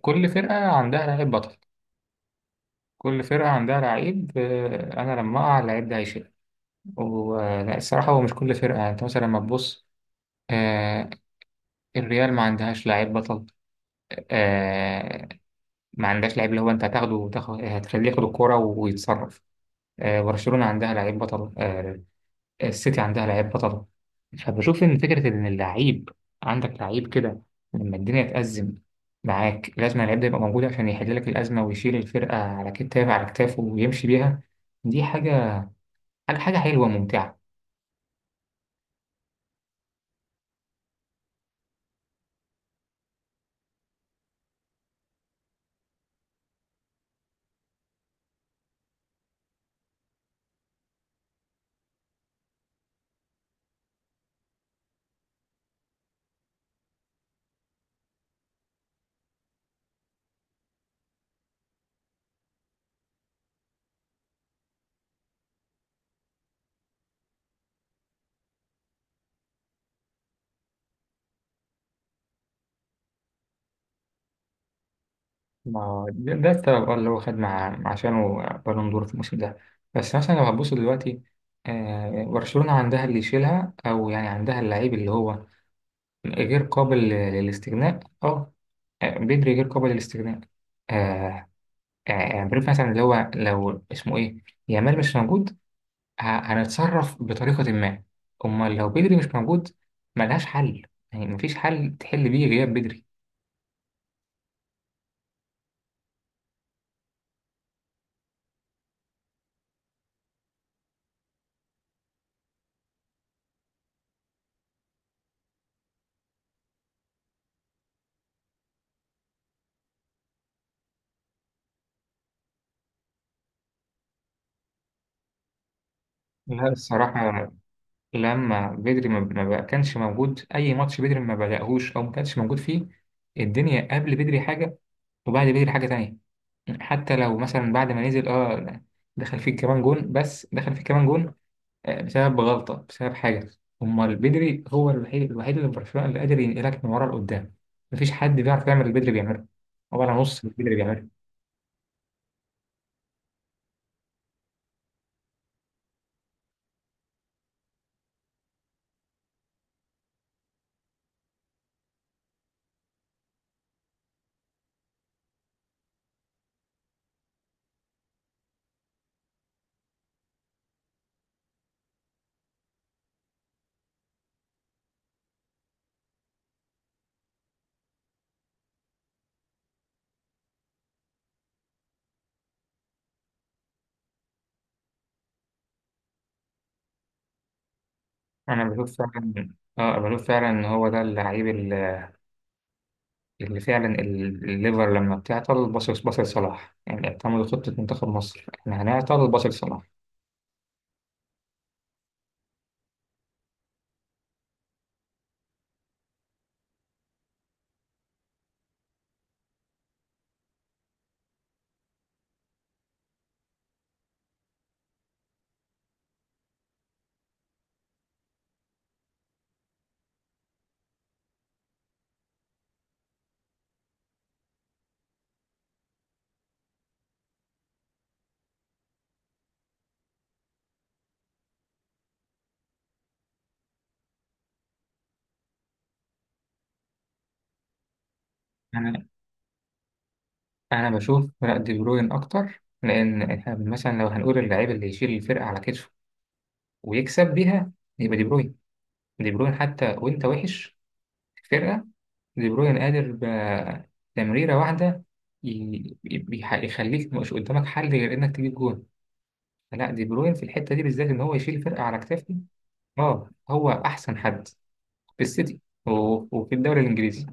كل فرقة عندها لعيب بطل. كل فرقة عندها لعيب، أنا لما أقع اللعيب ده هيشيل. والصراحة هو مش كل فرقة، يعني أنت مثلا لما تبص، آه، الريال ما عندهاش لعيب بطل. آه، ما عندهاش لعيب اللي هو أنت هتاخده وتاخد، هتخليه ياخد الكورة ويتصرف. برشلونة عندها لعيب بطل، السيتي عندها لعيب بطل. فبشوف ان فكره ان اللعيب، عندك لعيب كده لما الدنيا تأزم معاك، لازم اللعيب ده يبقى موجود عشان يحل لك الازمه ويشيل الفرقه على كتافه، على كتافه ويمشي بيها. دي حاجه حاجه حاجة حلوه وممتعه. ما ده السبب، اللي هو خد مع عشانه بالون دور في الموسم ده. بس مثلا لو هتبص دلوقتي، برشلونه عندها اللي يشيلها او يعني عندها اللعيب اللي هو غير قابل للاستغناء اه. بدري غير قابل للاستغناء. آه، بريف مثلا اللي هو لو اسمه ايه، يامال مش موجود، هنتصرف بطريقة ما. امال لو بدري مش موجود، ملهاش حل، يعني مفيش حل تحل بيه غياب بدري. لا الصراحة، لما بدري ما ما بقى- كانش موجود أي ماتش، بدري ما بدأهوش أو ما كانش موجود فيه. الدنيا قبل بدري حاجة وبعد بدري حاجة تانية. حتى لو مثلا بعد ما نزل دخل فيه كمان جون، بس دخل فيه كمان جون، بسبب غلطة، بسبب حاجة. أمال بدري هو الوحيد اللي في برشلونة اللي قادر ينقلك من ورا لقدام. مفيش حد بيعرف يعمل اللي بدري بيعمله، هو أنا نص اللي بدري بيعمله. أنا بشوف فعلا، آه بشوف فعلا إن هو ده اللعيب، اللي فعلا الليفر لما بتعطل باصص باصص لصلاح، يعني اعتمدوا خطة منتخب مصر، إحنا هنعطل باصص لصلاح. أنا أنا بشوف فرق، دي بروين أكتر، لأن إحنا مثلا لو هنقول اللعيب اللي يشيل الفرقة على كتفه ويكسب بيها، يبقى دي بروين. دي بروين حتى وأنت وحش فرقة، دي بروين قادر بتمريرة واحدة يخليك مش قدامك حل غير إنك تجيب جون. لا، دي بروين في الحتة دي بالذات إن هو يشيل فرقة على كتافه. أه هو أحسن حد في السيتي وفي الدوري الإنجليزي.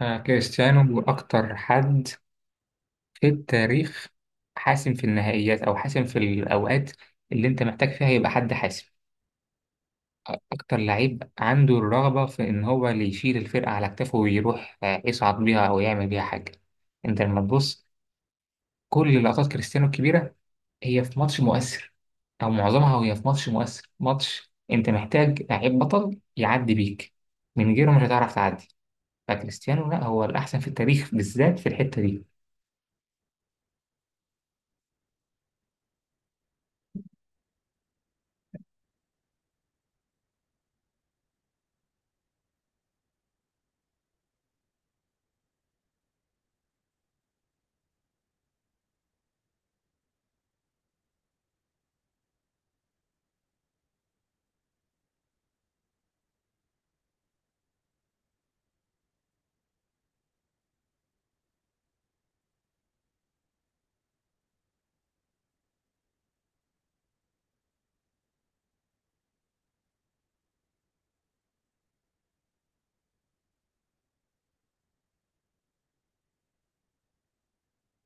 كريستيانو أكتر حد في التاريخ، حاسم في النهائيات أو حاسم في الأوقات اللي أنت محتاج فيها يبقى حد حاسم. أكتر لعيب عنده الرغبة في إن هو اللي يشيل الفرقة على كتافه ويروح، يصعد بيها أو يعمل بيها حاجة. أنت لما تبص كل لقطات كريستيانو الكبيرة، هي في ماتش مؤثر، أو معظمها وهي في ماتش مؤثر، ماتش أنت محتاج لعيب بطل يعدي بيك، من غيره مش هتعرف تعدي. فكريستيانو لا، هو الأحسن في التاريخ بالذات في الحتة دي.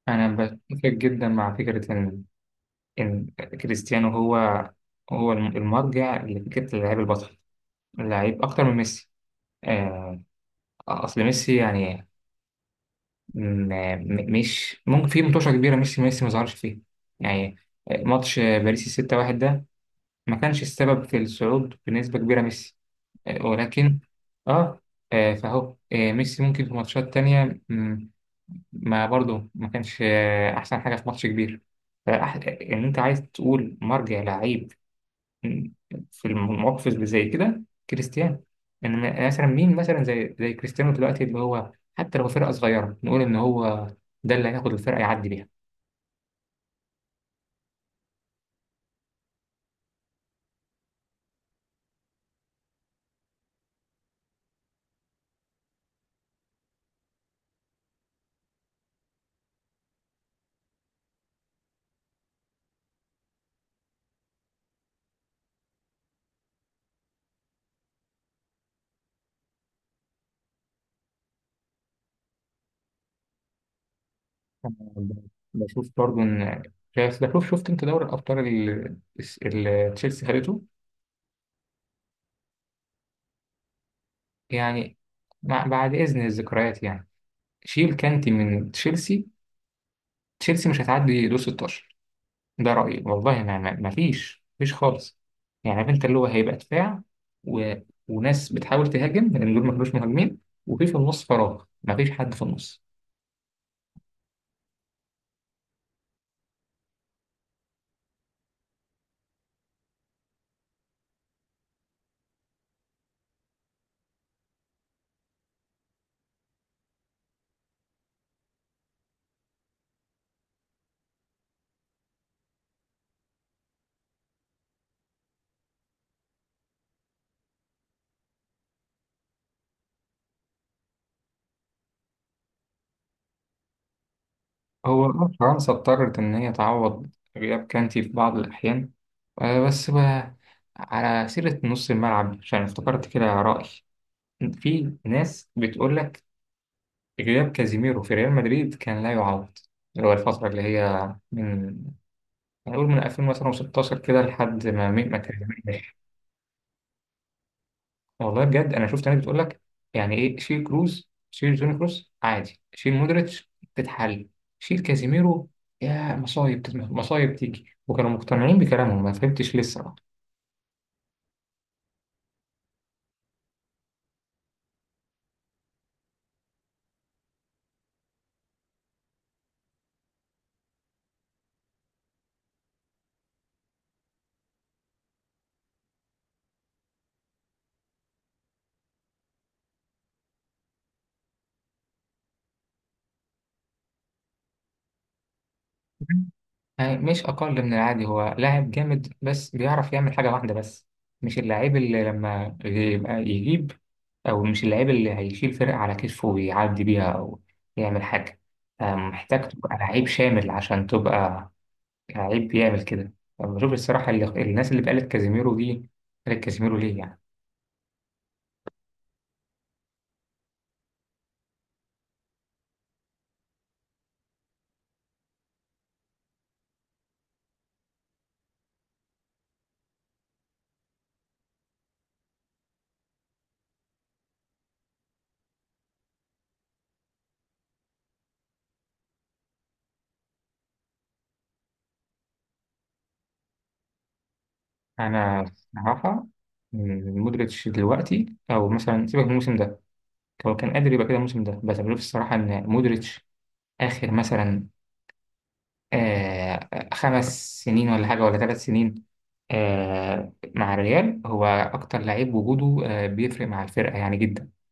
أنا بتفق جدا مع فكرة إن، إن كريستيانو هو، هو المرجع لفكرة اللعيب البطل، لعيب أكتر من ميسي. آه، اصل ميسي يعني مش ممكن في مطوشه كبيره ميسي ما ظهرش فيها، يعني ماتش باريس 6-1 ده ما كانش السبب في الصعود بنسبه كبيره ميسي، ولكن اه. فهو ميسي ممكن في ماتشات تانية، ما برضه ما كانش احسن حاجه في ماتش كبير، فأح- ان انت عايز تقول مرجع لعيب في المواقف اللي زي كده، كريستيانو. يعني مثلا مين مثلا زي كريستيانو دلوقتي اللي هو، حتى لو فرقة صغيرة نقول إن هو ده اللي هياخد الفرقة يعدي بيها. أنا بشوف برضو إن يعني، بس بشوف، شفت أنت دوري الأبطال اللي تشيلسي خدته. يعني بعد إذن الذكريات، يعني شيل كانتي من تشيلسي، تشيلسي مش هتعدي دور 16. ده رأيي، والله ما فيش خالص. يعني عارف انت اللي هو هيبقى دفاع، و... وناس بتحاول تهاجم لان دول ما كانوش مهاجمين، وفي النص فراغ، ما فيش حد في النص. هو فرنسا اضطرت ان هي تعوض غياب كانتي في بعض الاحيان. بس بقى، على سيرة نص الملعب عشان افتكرت كده رأي. في ناس بتقول لك غياب كازيميرو في ريال مدريد كان لا يعوض، اللي هو الفترة اللي هي من، نقول من 2000 مثلا و16 كده لحد ما مين ما كلمنيش. والله بجد انا شفت ناس بتقول لك يعني ايه، شيل كروز، شيل جوني كروز عادي، شيل مودريتش تتحل، شيل كازيميرو يا مصايب مصايب تيجي، وكانوا مقتنعين بكلامهم، ما فهمتش ليه الصراحه. يعني مش اقل من العادي، هو لاعب جامد بس بيعرف يعمل حاجه واحده بس، مش اللاعب اللي لما يبقى يجيب، أو مش اللعيب اللي هيشيل فرقة على كتفه ويعدي بيها أو يعمل حاجة. محتاج تبقى لعيب شامل عشان تبقى لعيب بيعمل كده. بشوف الصراحة، اللي الناس اللي بقالت كازيميرو دي، قالت كازيميرو ليه يعني. أنا الصراحة، مودريتش دلوقتي أو مثلا سيبك من الموسم ده، هو كان قادر يبقى كده الموسم ده، بس بشوف الصراحة إن مودريتش آخر مثلا آه 5 سنين ولا حاجة ولا 3 سنين، مع الريال، هو أكتر لعيب وجوده بيفرق مع الفرقة يعني جدا.